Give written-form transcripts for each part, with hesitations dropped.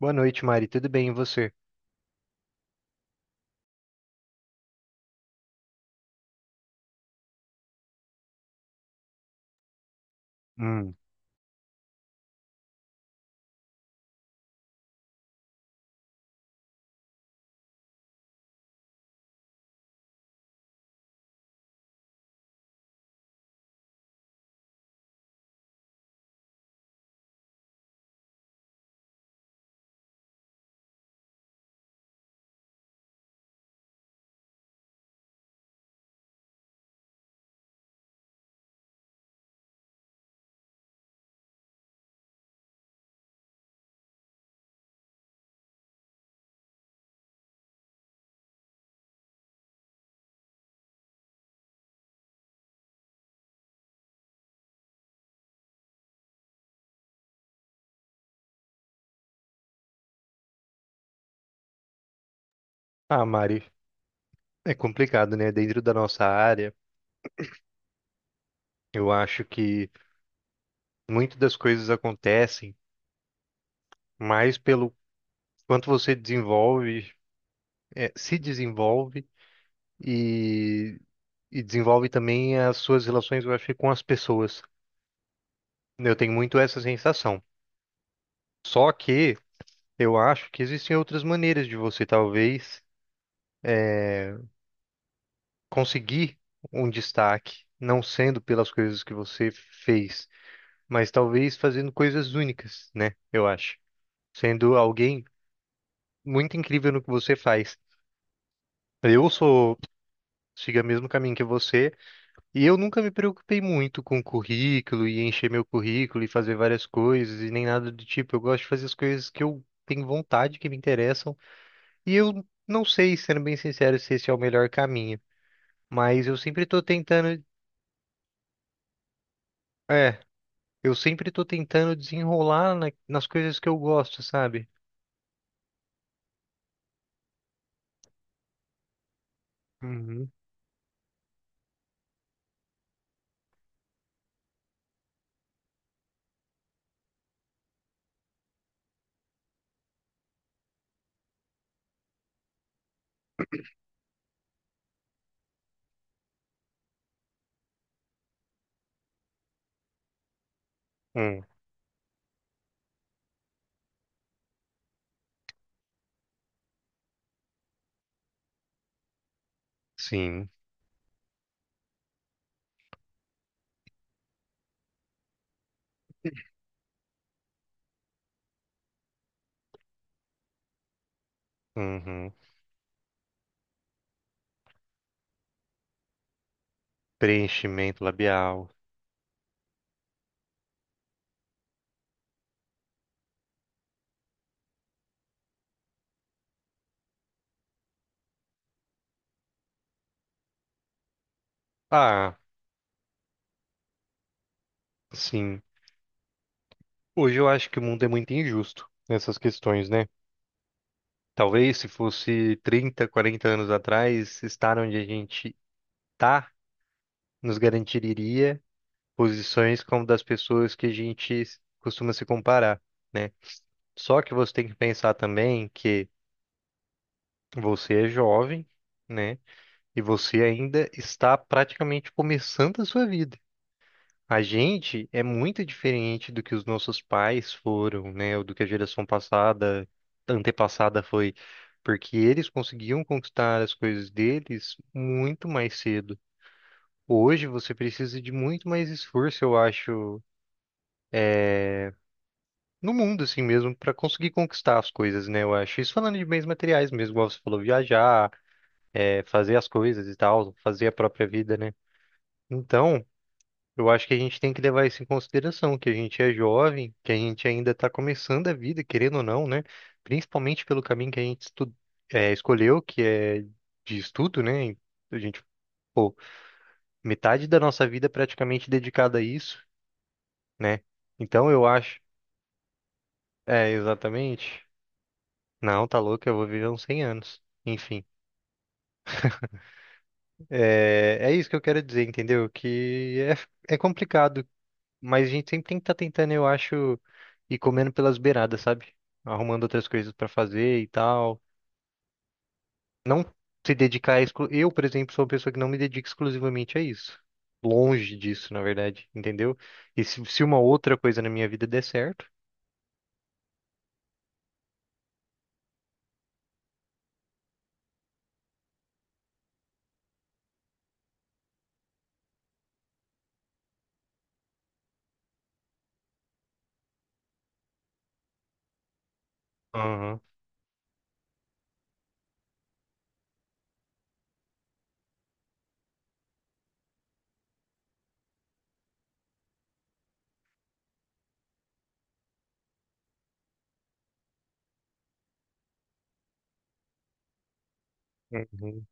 Boa noite, Mari. Tudo bem, e você? Hum. Ah, Mari, é complicado, né? Dentro da nossa área, eu acho que muitas das coisas acontecem mais pelo quanto você desenvolve, se desenvolve e, e desenvolve também as suas relações, eu acho, que com as pessoas. Eu tenho muito essa sensação. Só que eu acho que existem outras maneiras de você talvez conseguir um destaque, não sendo pelas coisas que você fez, mas talvez fazendo coisas únicas, né? Eu acho. Sendo alguém muito incrível no que você faz. Eu sou, siga o mesmo caminho que você, e eu nunca me preocupei muito com currículo e encher meu currículo e fazer várias coisas e nem nada do tipo. Eu gosto de fazer as coisas que eu tenho vontade, que me interessam, e eu não sei, sendo bem sincero, se esse é o melhor caminho, mas eu sempre tô é, tentando desenrolar nas coisas que eu gosto, sabe? Uhum. Hum, sim. Uhum. Preenchimento labial. Ah, sim. Hoje eu acho que o mundo é muito injusto nessas questões, né? Talvez se fosse 30 40 anos atrás, estar onde a gente tá nos garantiria posições como das pessoas que a gente costuma se comparar, né? Só que você tem que pensar também que você é jovem, né? E você ainda está praticamente começando a sua vida. A gente é muito diferente do que os nossos pais foram, né? Ou do que a geração passada, antepassada foi, porque eles conseguiam conquistar as coisas deles muito mais cedo. Hoje você precisa de muito mais esforço, eu acho, no mundo assim mesmo, para conseguir conquistar as coisas, né? Eu acho. Isso falando de bens materiais mesmo, igual você falou, viajar, fazer as coisas e tal, fazer a própria vida, né? Então. Eu acho que a gente tem que levar isso em consideração, que a gente é jovem, que a gente ainda está começando a vida, querendo ou não, né? Principalmente pelo caminho que a gente escolheu, que é de estudo, né? E a gente, pô, metade da nossa vida é praticamente dedicada a isso, né? Então eu acho, é, exatamente. Não, tá louco, eu vou viver uns 100 anos. Enfim, é isso que eu quero dizer, entendeu? Que é complicado. Mas a gente sempre tem que estar tentando, eu acho, ir comendo pelas beiradas, sabe? Arrumando outras coisas pra fazer e tal. Não se dedicar. Eu, por exemplo, sou uma pessoa que não me dedica exclusivamente a isso. Longe disso, na verdade, entendeu? E se uma outra coisa na minha vida der certo. Aham. Uhum.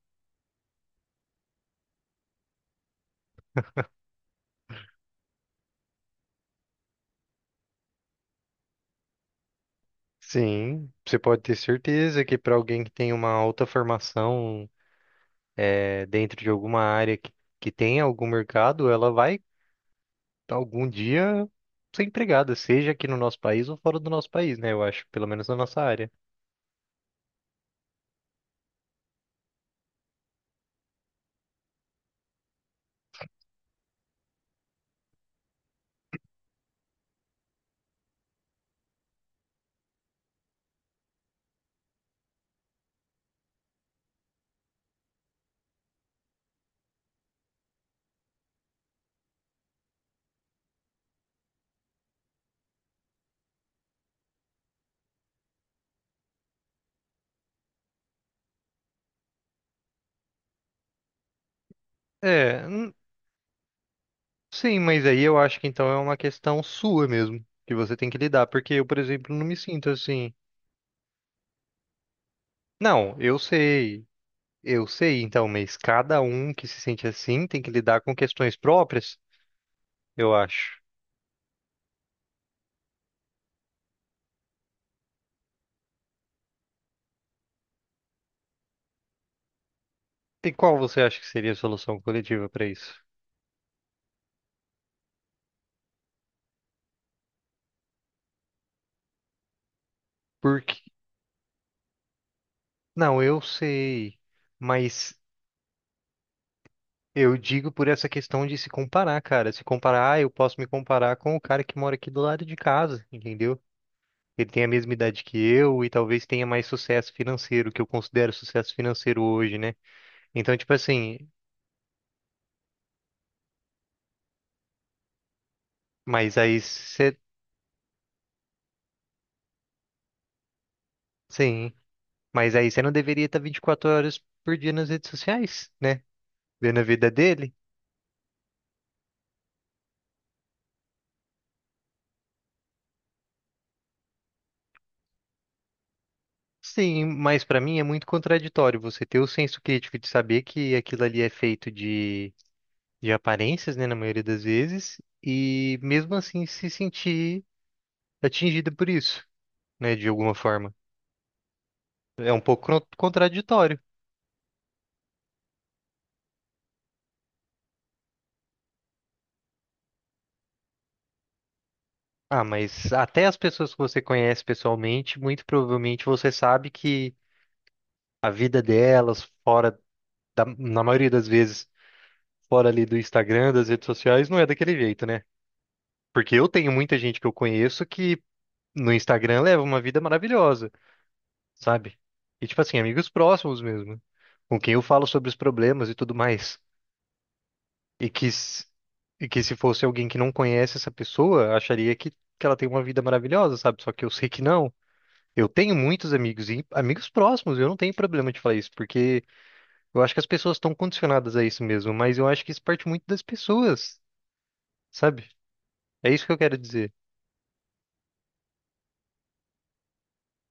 Sim, você pode ter certeza que para alguém que tem uma alta formação dentro de alguma área que tem algum mercado, ela vai algum dia ser empregada, seja aqui no nosso país ou fora do nosso país, né? Eu acho, pelo menos na nossa área. É, sim, mas aí eu acho que então é uma questão sua mesmo, que você tem que lidar, porque eu, por exemplo, não me sinto assim. Não, eu sei, então, mas cada um que se sente assim tem que lidar com questões próprias, eu acho. E qual você acha que seria a solução coletiva para isso? Porque, não, eu sei, mas eu digo por essa questão de se comparar, cara. Se comparar, ah, eu posso me comparar com o cara que mora aqui do lado de casa, entendeu? Ele tem a mesma idade que eu e talvez tenha mais sucesso financeiro, que eu considero sucesso financeiro hoje, né? Então, tipo assim, mas aí você, sim, mas aí você não deveria estar 24 horas por dia nas redes sociais, né? Vendo a vida dele? Sim, mas pra mim é muito contraditório você ter o senso crítico de saber que aquilo ali é feito de aparências, né, na maioria das vezes, e mesmo assim se sentir atingida por isso, né, de alguma forma. É um pouco contraditório. Ah, mas até as pessoas que você conhece pessoalmente, muito provavelmente você sabe que a vida delas, fora da, na maioria das vezes, fora ali do Instagram, das redes sociais, não é daquele jeito, né? Porque eu tenho muita gente que eu conheço que no Instagram leva uma vida maravilhosa, sabe? E tipo assim, amigos próximos mesmo, com quem eu falo sobre os problemas e tudo mais. E que, s- e que se fosse alguém que não conhece essa pessoa, acharia que ela tem uma vida maravilhosa, sabe? Só que eu sei que não. Eu tenho muitos amigos e amigos próximos, eu não tenho problema de falar isso, porque eu acho que as pessoas estão condicionadas a isso mesmo, mas eu acho que isso parte muito das pessoas, sabe? É isso que eu quero dizer.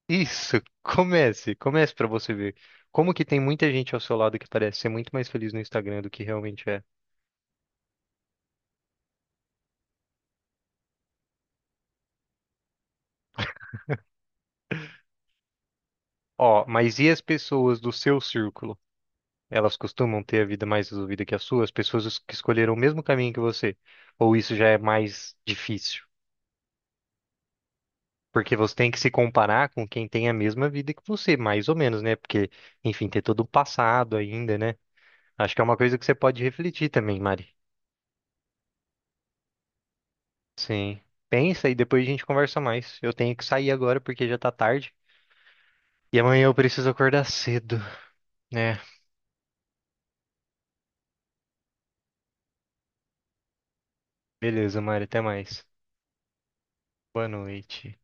Isso, comece, comece pra você ver. Como que tem muita gente ao seu lado que parece ser muito mais feliz no Instagram do que realmente é. Ó, mas e as pessoas do seu círculo? Elas costumam ter a vida mais resolvida que a sua? As pessoas que escolheram o mesmo caminho que você? Ou isso já é mais difícil? Porque você tem que se comparar com quem tem a mesma vida que você, mais ou menos, né? Porque, enfim, ter todo o passado ainda, né? Acho que é uma coisa que você pode refletir também, Mari. Sim. Pensa e depois a gente conversa mais. Eu tenho que sair agora porque já tá tarde. E amanhã eu preciso acordar cedo, né? Beleza, Mari, até mais. Boa noite.